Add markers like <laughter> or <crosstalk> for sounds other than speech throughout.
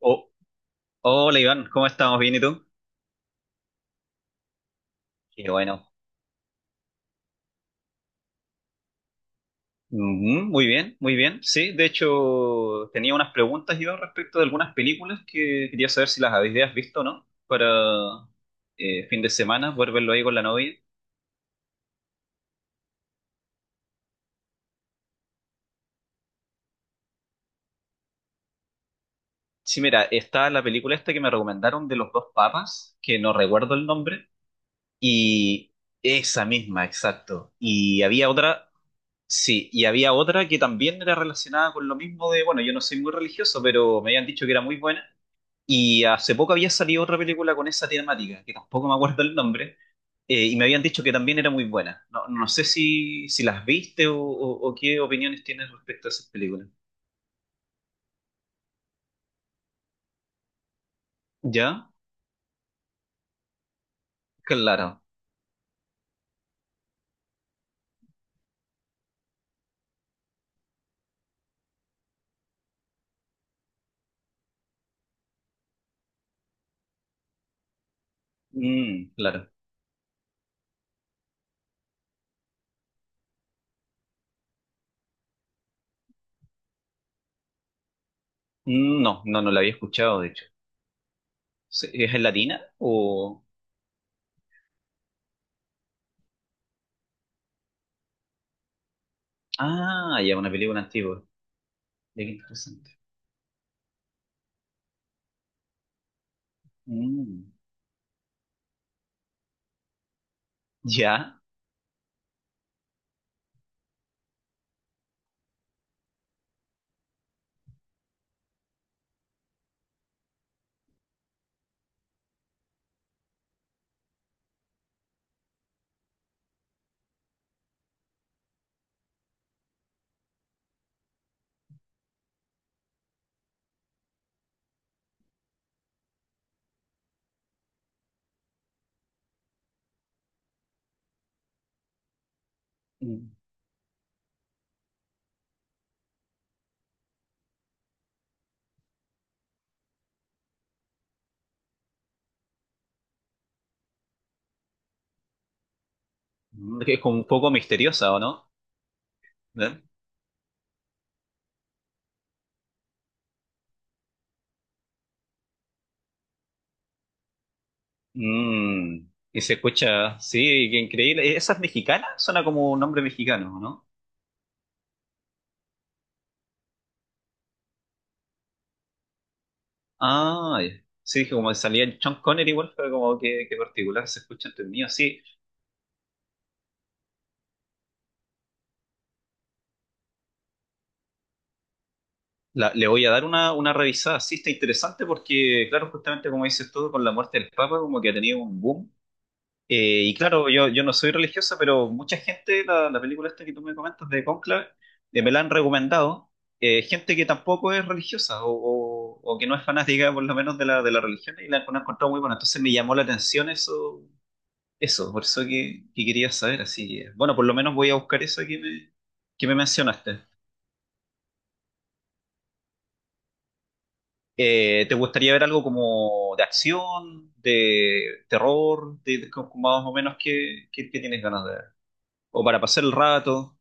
Oh, hola Iván, ¿cómo estamos? ¿Bien y tú? Qué bueno. Ujú, muy bien, muy bien. Sí, de hecho tenía unas preguntas, Iván, respecto de algunas películas que quería saber si las habías visto o no, para fin de semana, poder verlo ahí con la novia. Sí, mira, está la película esta que me recomendaron de los dos papas, que no recuerdo el nombre, y esa misma, exacto. Y había otra, sí, y había otra que también era relacionada con lo mismo de, bueno, yo no soy muy religioso, pero me habían dicho que era muy buena. Y hace poco había salido otra película con esa temática, que tampoco me acuerdo el nombre, y me habían dicho que también era muy buena. No, no sé si las viste o qué opiniones tienes respecto a esas películas. ¿Ya? Claro. Mm, claro. Mm, no, no, no la había escuchado, de hecho. ¿Se- ¿Es en latina o...? Ah, ya, una película antigua. Ya, qué interesante. Mm, ya. Mm, es como un poco misteriosa, ¿o no? ¿Eh? Mm, y se escucha, sí, qué increíble. ¿Esas mexicanas? Suena como un nombre mexicano, ¿no? Ah, ya. Sí, dije, como salía el Sean Connery igual, fue como que particular, se escucha entre mío. Sí, la- le voy a dar una revisada. Sí, está interesante porque, claro, justamente como dices tú, con la muerte del Papa, como que ha tenido un boom. Y claro, yo no soy religiosa, pero mucha gente, la película esta que tú me comentas de Conclave, me la han recomendado. Eh, gente que tampoco es religiosa o que no es fanática, por lo menos, de la religión y la han encontrado muy buena. Entonces me llamó la atención eso, eso, por eso que quería saber. Así que, bueno, por lo menos voy a buscar eso que me mencionaste. ¿Te gustaría ver algo como de acción, de terror, de- como más o menos que tienes ganas de ver? O para pasar el rato.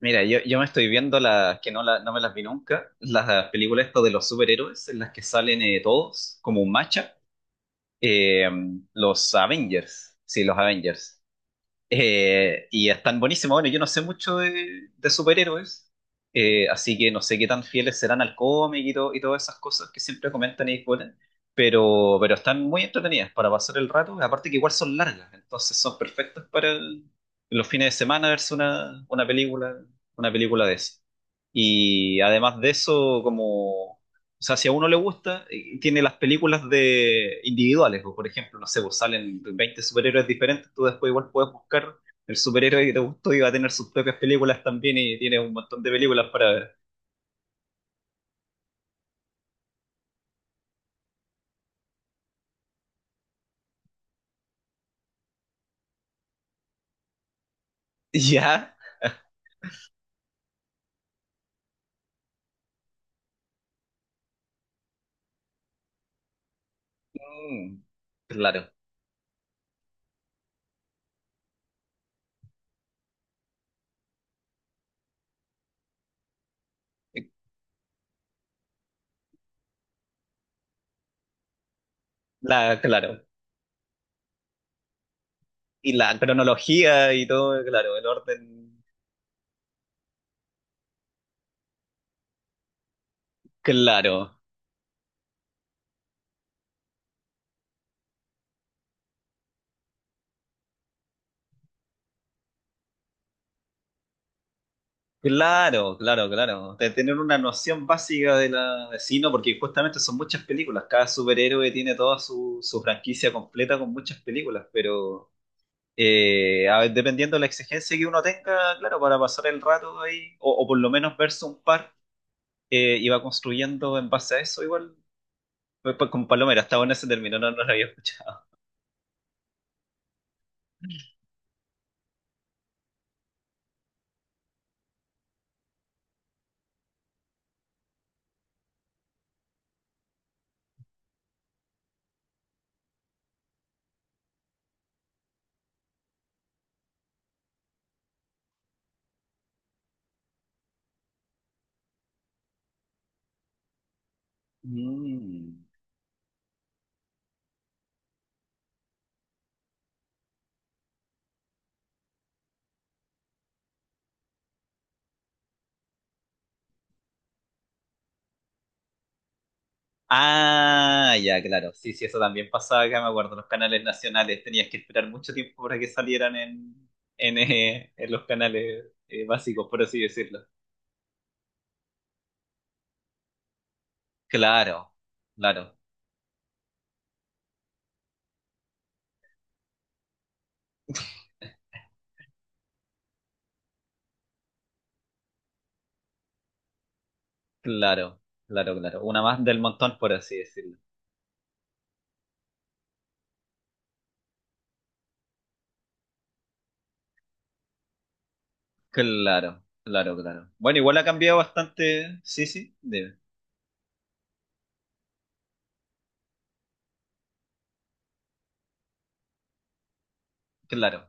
Mira, yo me estoy viendo las que no, la- no me las vi nunca, las películas estas de los superhéroes en las que salen todos como un macha, eh, los Avengers, sí, los Avengers. Y están buenísimos. Bueno, yo no sé mucho de superhéroes, así que no sé qué tan fieles serán al cómic y, to- y todas esas cosas que siempre comentan y discuten, pero están muy entretenidas para pasar el rato. Aparte que igual son largas, entonces son perfectas para el- los fines de semana verse una película de eso. Y además de eso, como o sea, si a uno le gusta, tiene las películas de individuales, o por ejemplo, no sé, pues salen 20 superhéroes diferentes, tú después igual puedes buscar el superhéroe que te gustó y va a tener sus propias películas también y tiene un montón de películas para ver. <laughs> Ya, mm, claro, eh, la, claro. Y la cronología y todo, claro, el orden, claro. Claro, claro, claro. De tener una noción básica de la de sí, no, porque justamente son muchas películas. Cada superhéroe tiene toda su, su franquicia completa con muchas películas, pero a ver, dependiendo de la exigencia que uno tenga, claro, para pasar el rato ahí, o por lo menos verse un par, y va construyendo en base a eso, igual, pues, con Palomera, hasta bueno ese término, no, no lo había escuchado. Mm. Ah, ya, claro. Sí, sí, eso también pasaba acá, me acuerdo. Los canales nacionales tenías que esperar mucho tiempo para que salieran en los canales básicos, por así decirlo. Claro, claro, claro, claro, claro. Una más del montón, por así decirlo. Claro, claro, claro. Bueno, igual ha cambiado bastante. Sí, sí, de- claro.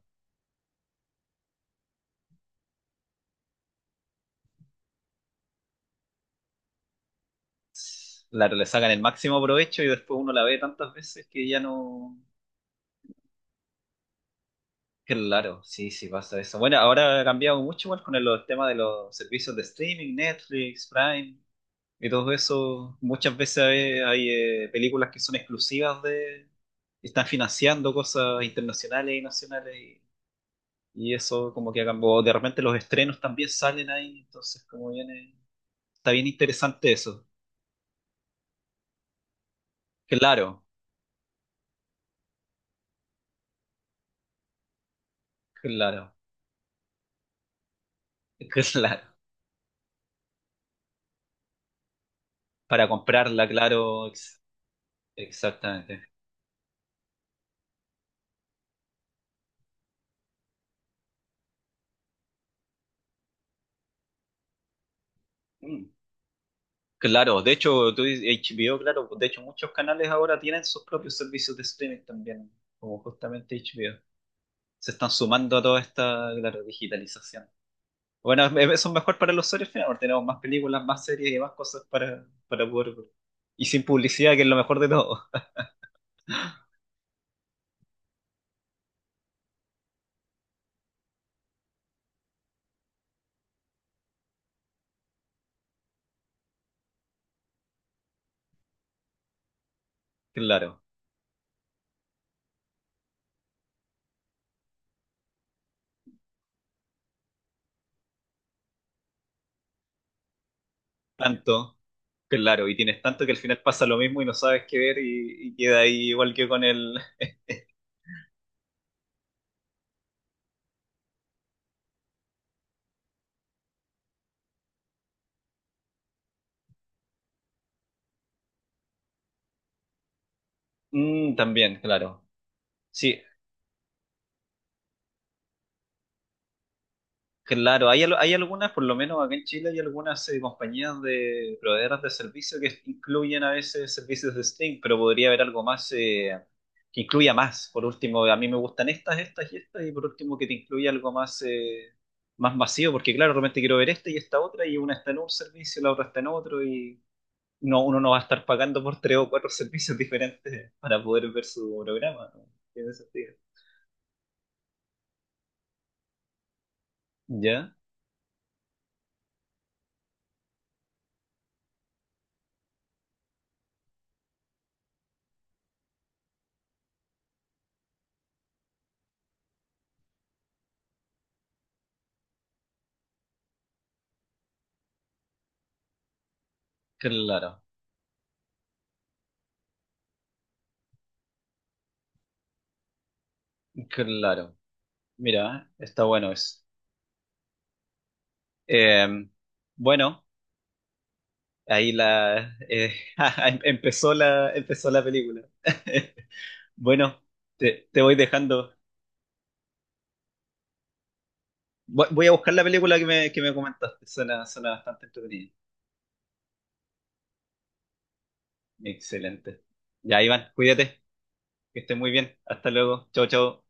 Claro, le sacan el máximo provecho y después uno la ve tantas veces que ya no. Claro, sí, sí pasa eso. Bueno, ahora ha cambiado mucho igual con el, los temas de los servicios de streaming, Netflix, Prime y todo eso. Muchas veces hay, hay, películas que son exclusivas de... Están financiando cosas internacionales y nacionales y eso como que ha cambiado. De repente los estrenos también salen ahí, entonces como viene... Está bien interesante eso. Claro, claro, <laughs> claro. Para comprarla, claro, ex- exactamente. Mm. Claro, de hecho, tú dices HBO, claro, de hecho muchos canales ahora tienen sus propios servicios de streaming también, como justamente HBO. Se están sumando a toda esta, claro, digitalización. Bueno, es- eso es mejor para los usuarios finales, porque tenemos más películas, más series y más cosas para poder ver. Y sin publicidad, que es lo mejor de todo. <laughs> Claro, tanto, claro, y tienes tanto que al final pasa lo mismo y no sabes qué ver y queda ahí igual que con el... <laughs> Mm, también, claro. Sí, claro, hay, al- hay algunas, por lo menos acá en Chile, hay algunas compañías de proveedoras de servicios que incluyen a veces servicios de stream, pero podría haber algo más que incluya más. Por último, a mí me gustan estas, estas y estas, y por último que te incluya algo más, más masivo, porque claro, realmente quiero ver esta y esta otra, y una está en un servicio, la otra está en otro, y no, uno no va a estar pagando por tres o cuatro <laughs> servicios diferentes para poder ver su programa. ¿No? Tiene sentido. ¿Ya? Claro, claro. Mira, está bueno eso. Eh, bueno, ahí la eh, <laughs> em- empezó la película. <laughs> Bueno, te voy dejando. Voy a buscar la película que me comentaste. Suena, suena bastante entretenida. Excelente. Ya, Iván, cuídate, que estés muy bien. Hasta luego. Chao, chao.